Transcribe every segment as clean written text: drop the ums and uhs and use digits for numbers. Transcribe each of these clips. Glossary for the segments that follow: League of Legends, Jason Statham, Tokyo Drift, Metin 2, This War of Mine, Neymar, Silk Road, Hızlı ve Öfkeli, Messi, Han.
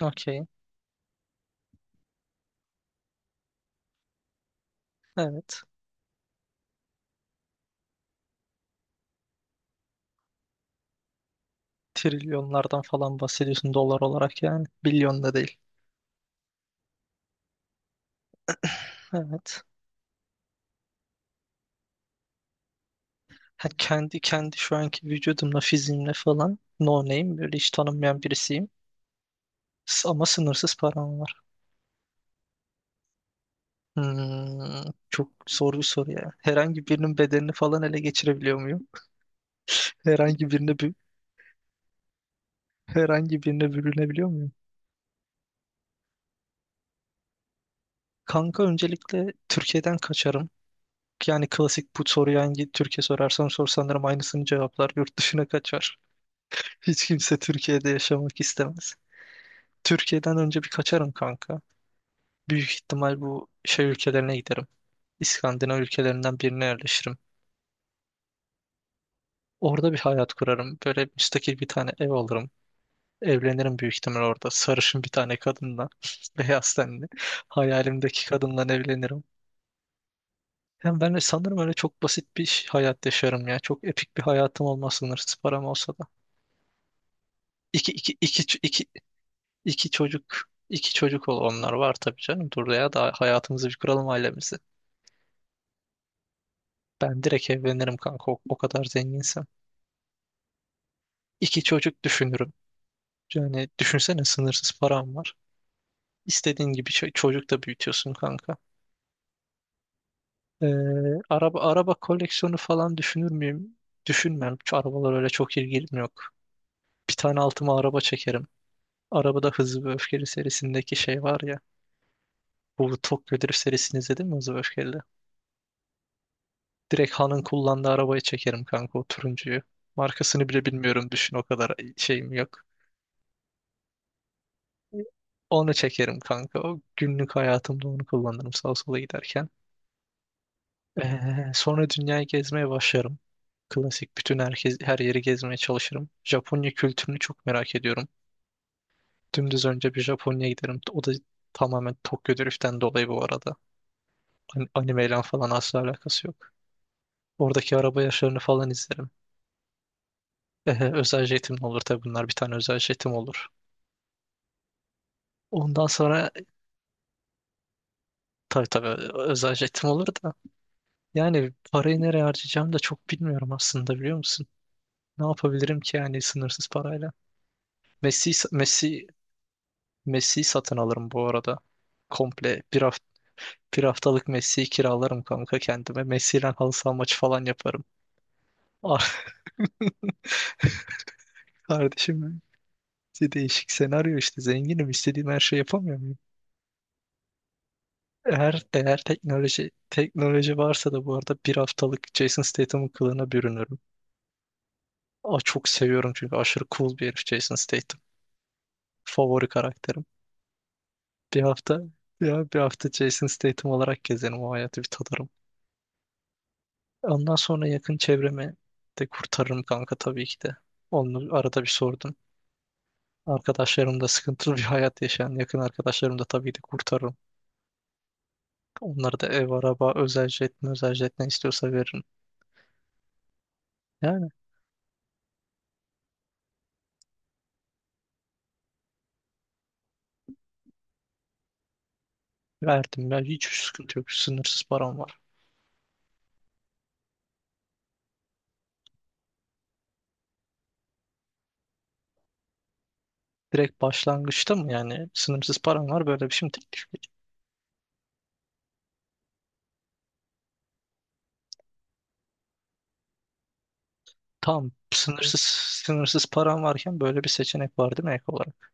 Okey. Evet. Trilyonlardan falan bahsediyorsun dolar olarak yani. Bilyon da değil. Evet. Ha, kendi şu anki vücudumla, fiziğimle falan no name böyle hiç tanınmayan birisiyim. Ama sınırsız param var. Çok zor bir soru ya. Herhangi birinin bedenini falan ele geçirebiliyor muyum? Herhangi birine bü- Herhangi birine bürünebiliyor muyum? Kanka öncelikle Türkiye'den kaçarım. Yani klasik bu soruyu hangi Türkiye sorarsan sor sanırım aynısını cevaplar. Yurt dışına kaçar. Hiç kimse Türkiye'de yaşamak istemez. Türkiye'den önce bir kaçarım kanka. Büyük ihtimal bu şey ülkelerine giderim. İskandinav ülkelerinden birine yerleşirim. Orada bir hayat kurarım. Böyle müstakil bir tane ev alırım. Evlenirim büyük ihtimal orada. Sarışın bir tane kadınla. Beyaz tenli. Hayalimdeki kadınla evlenirim. Hem ben de sanırım öyle çok basit bir hayat yaşarım ya. Çok epik bir hayatım olmaz sınırsız param olsa da. İki, iki, iki, iki, İki çocuk, iki çocuk ol onlar var tabii canım. Dur ya da hayatımızı bir kuralım ailemizi. Ben direkt evlenirim kanka o kadar zenginsem. İki çocuk düşünürüm. Yani düşünsene sınırsız param var. İstediğin gibi çocuk da büyütüyorsun kanka. Ee, araba koleksiyonu falan düşünür müyüm? Düşünmem. Şu arabalar öyle çok ilgim yok. Bir tane altıma araba çekerim. Arabada Hızlı ve Öfkeli serisindeki şey var ya. Bu Tokyo Drift serisini izledin mi Hızlı ve Öfkeli? Direkt Han'ın kullandığı arabaya çekerim kanka o turuncuyu. Markasını bile bilmiyorum düşün o kadar şeyim yok. Onu çekerim kanka. O günlük hayatımda onu kullanırım sağa sola giderken. Ee, sonra dünyayı gezmeye başlarım. Klasik bütün herkes, her yeri gezmeye çalışırım. Japonya kültürünü çok merak ediyorum. Dümdüz önce bir Japonya'ya giderim. O da tamamen Tokyo Drift'ten dolayı bu arada. Animeyle falan asla alakası yok. Oradaki araba yarışlarını falan izlerim. Özel jetim olur tabii bunlar. Bir tane özel jetim olur. Ondan sonra tabii özel jetim olur da. Yani parayı nereye harcayacağımı da çok bilmiyorum aslında biliyor musun? Ne yapabilirim ki yani sınırsız parayla? Messi Messi Messi satın alırım bu arada. Komple bir hafta Bir haftalık Messi'yi kiralarım kanka kendime. Messi'yle halı saha maçı falan yaparım. Ah, Kardeşim benim. İşte değişik senaryo işte zenginim istediğim her şeyi yapamıyor muyum? Eğer teknoloji varsa da bu arada bir haftalık Jason Statham'ın kılığına bürünürüm. Çok seviyorum çünkü aşırı cool bir herif Jason Statham. Favori karakterim. Bir hafta bir hafta Jason Statham olarak gezerim o hayatı bir tadarım. Ondan sonra yakın çevremi de kurtarırım kanka tabii ki de. Onu arada bir sordum. Arkadaşlarım da sıkıntılı bir hayat yaşayan yakın arkadaşlarım da tabii de kurtarırım. Onlara da ev, araba, özel jet ne istiyorsa veririm. Yani verdim ya hiç sıkıntı yok. Sınırsız param var. Direkt başlangıçta mı yani sınırsız param var böyle bir şey mi teklif. Tam sınırsız Sınırsız param varken böyle bir seçenek var değil mi ek olarak?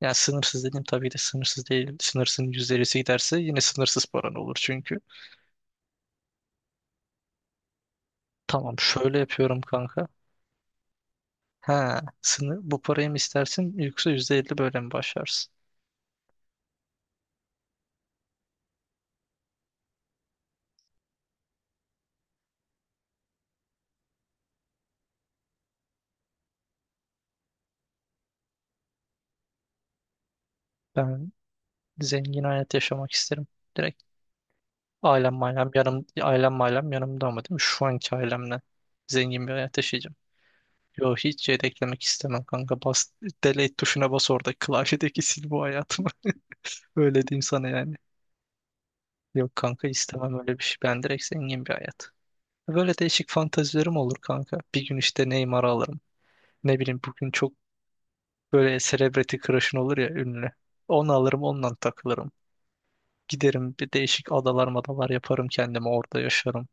Yani sınırsız dedim tabii de sınırsız değil. Sınırsın %50'si giderse yine sınırsız paran olur çünkü. Tamam şöyle yapıyorum kanka. Ha, sınır, bu parayı mı istersin yoksa %50 böyle mi başlarsın? Ben zengin hayat yaşamak isterim. Direkt ailem mailem yanımda ama değil mi? Şu anki ailemle zengin bir hayat yaşayacağım. Yo hiç yedeklemek istemem kanka. Delete tuşuna bas orada klavyedeki sil bu hayatımı. Öyle diyeyim sana yani. Yok kanka istemem öyle bir şey. Ben direkt zengin bir hayat. Böyle değişik fantazilerim olur kanka. Bir gün işte Neymar'ı alırım. Ne bileyim bugün çok böyle celebrity crush'ın olur ya ünlü. Onu alırım ondan takılırım. Giderim bir değişik adalar madalar yaparım kendime orada yaşarım.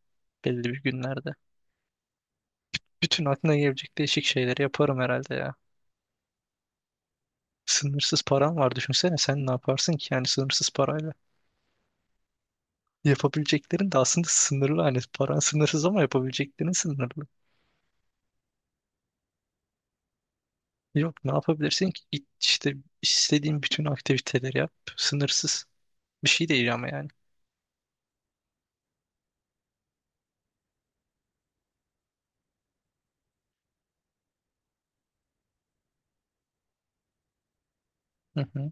Belli bir günlerde. Bütün aklına gelebilecek değişik şeyleri yaparım herhalde ya. Sınırsız param var düşünsene sen ne yaparsın ki yani sınırsız parayla. Yapabileceklerin de aslında sınırlı hani paran sınırsız ama yapabileceklerin sınırlı. Yok ne yapabilirsin ki? İşte istediğin bütün aktiviteleri yap. Sınırsız. Bir şey değil ama yani. Hı hı.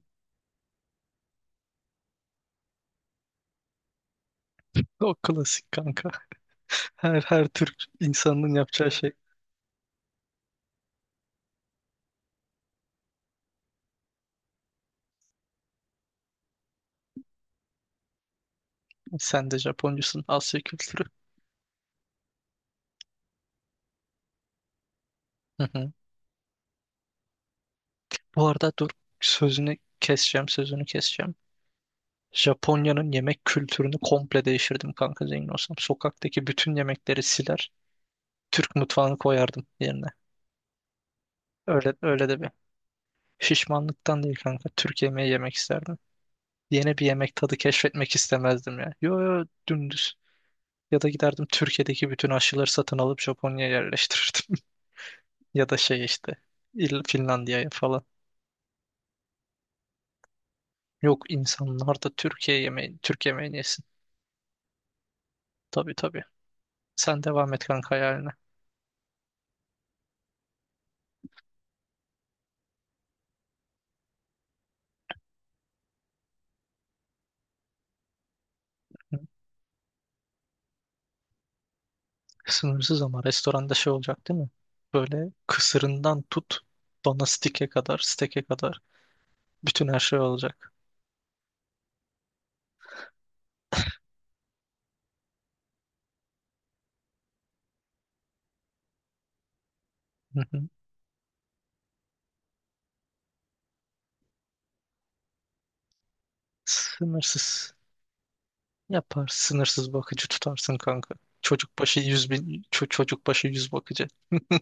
O klasik kanka. Her Türk insanının yapacağı şey. Sen de Japoncusun. Asya kültürü. Hı hı. Bu arada dur sözünü keseceğim. Japonya'nın yemek kültürünü komple değiştirdim kanka zengin olsam. Sokaktaki bütün yemekleri siler. Türk mutfağını koyardım yerine. Öyle öyle de bir. Şişmanlıktan değil kanka. Türk yemeği yemek isterdim. Yeni bir yemek tadı keşfetmek istemezdim ya. Yo yo dümdüz. Ya da giderdim Türkiye'deki bütün aşıları satın alıp Japonya'ya yerleştirirdim. Ya da şey işte İl- Finlandiya'ya falan. Yok insanlar da Türk yemeğini yesin. Tabii tabii. Sen devam et kanka hayaline. Hı. Sınırsız ama restoranda şey olacak değil mi? Böyle kısırından tut bana steke kadar bütün her şey olacak. Hı hı. Sınırsız. Yapar. Sınırsız bakıcı tutarsın kanka. Çocuk başı 100 bakıcı.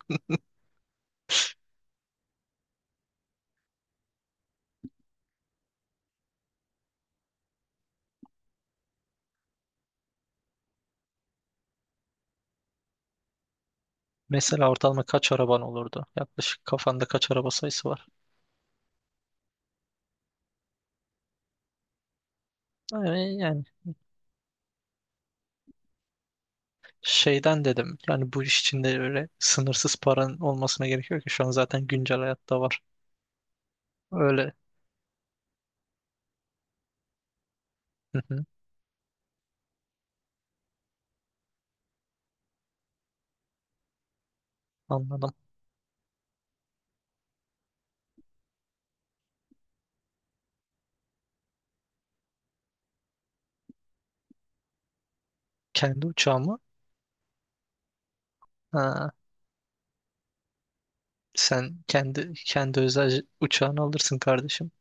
Mesela ortalama kaç araban olurdu? Yaklaşık kafanda kaç araba sayısı var? Yani şeyden dedim. Yani bu iş içinde öyle sınırsız paran olmasına gerek yok ki. Şu an zaten güncel hayatta var. Öyle. Hı hı, anladım. Kendi uçağımı? Ha, sen kendi özel uçağını alırsın kardeşim.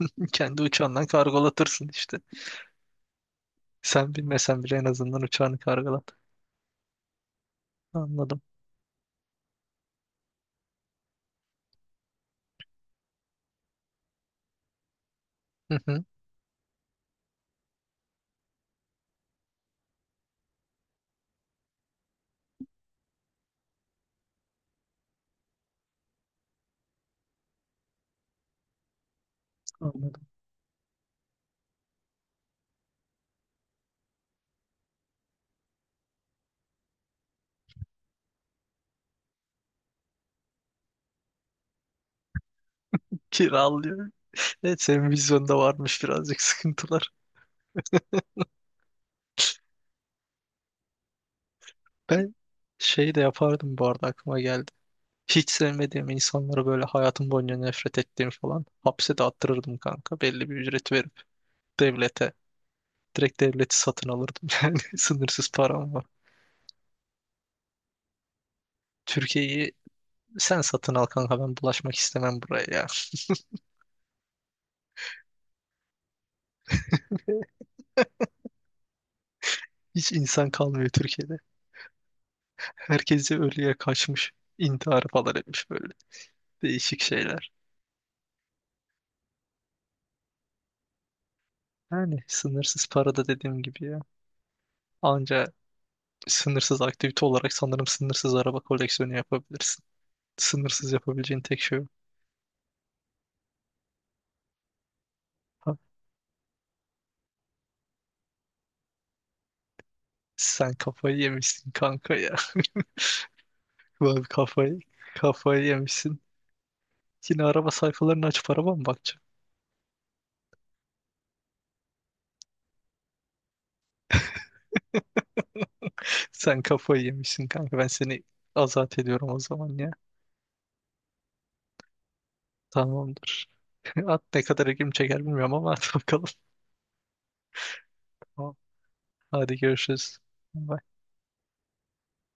Kendi uçağından kargolatırsın işte. Sen bilmesen bile en azından uçağını kargolat. Anladım. Anladım. Kiralıyor. Evet senin vizyonda varmış birazcık sıkıntılar. Ben şey de yapardım bu arada aklıma geldi. Hiç sevmediğim insanlara böyle hayatım boyunca nefret ettiğim falan hapse de attırırdım kanka. Belli bir ücret verip devlete. Direkt devleti satın alırdım yani sınırsız param var. Türkiye'yi sen satın al kanka ben bulaşmak istemem buraya ya. Hiç insan kalmıyor Türkiye'de. Herkesi ölüye kaçmış. İntihar falan etmiş böyle. Değişik şeyler. Yani sınırsız para da dediğim gibi ya. Anca sınırsız aktivite olarak sanırım sınırsız araba koleksiyonu yapabilirsin. Sınırsız yapabileceğin tek şey o. Ha, sen kafayı yemişsin kanka ya. Vallahi kafayı yemişsin. Yine araba sayfalarını açıp araba mı bakacağım? Sen kafayı yemişsin kanka. Ben seni azat ediyorum o zaman ya. Tamamdır. At ne kadar ilgimi çeker bilmiyorum ama at bakalım. Tamam. Hadi görüşürüz.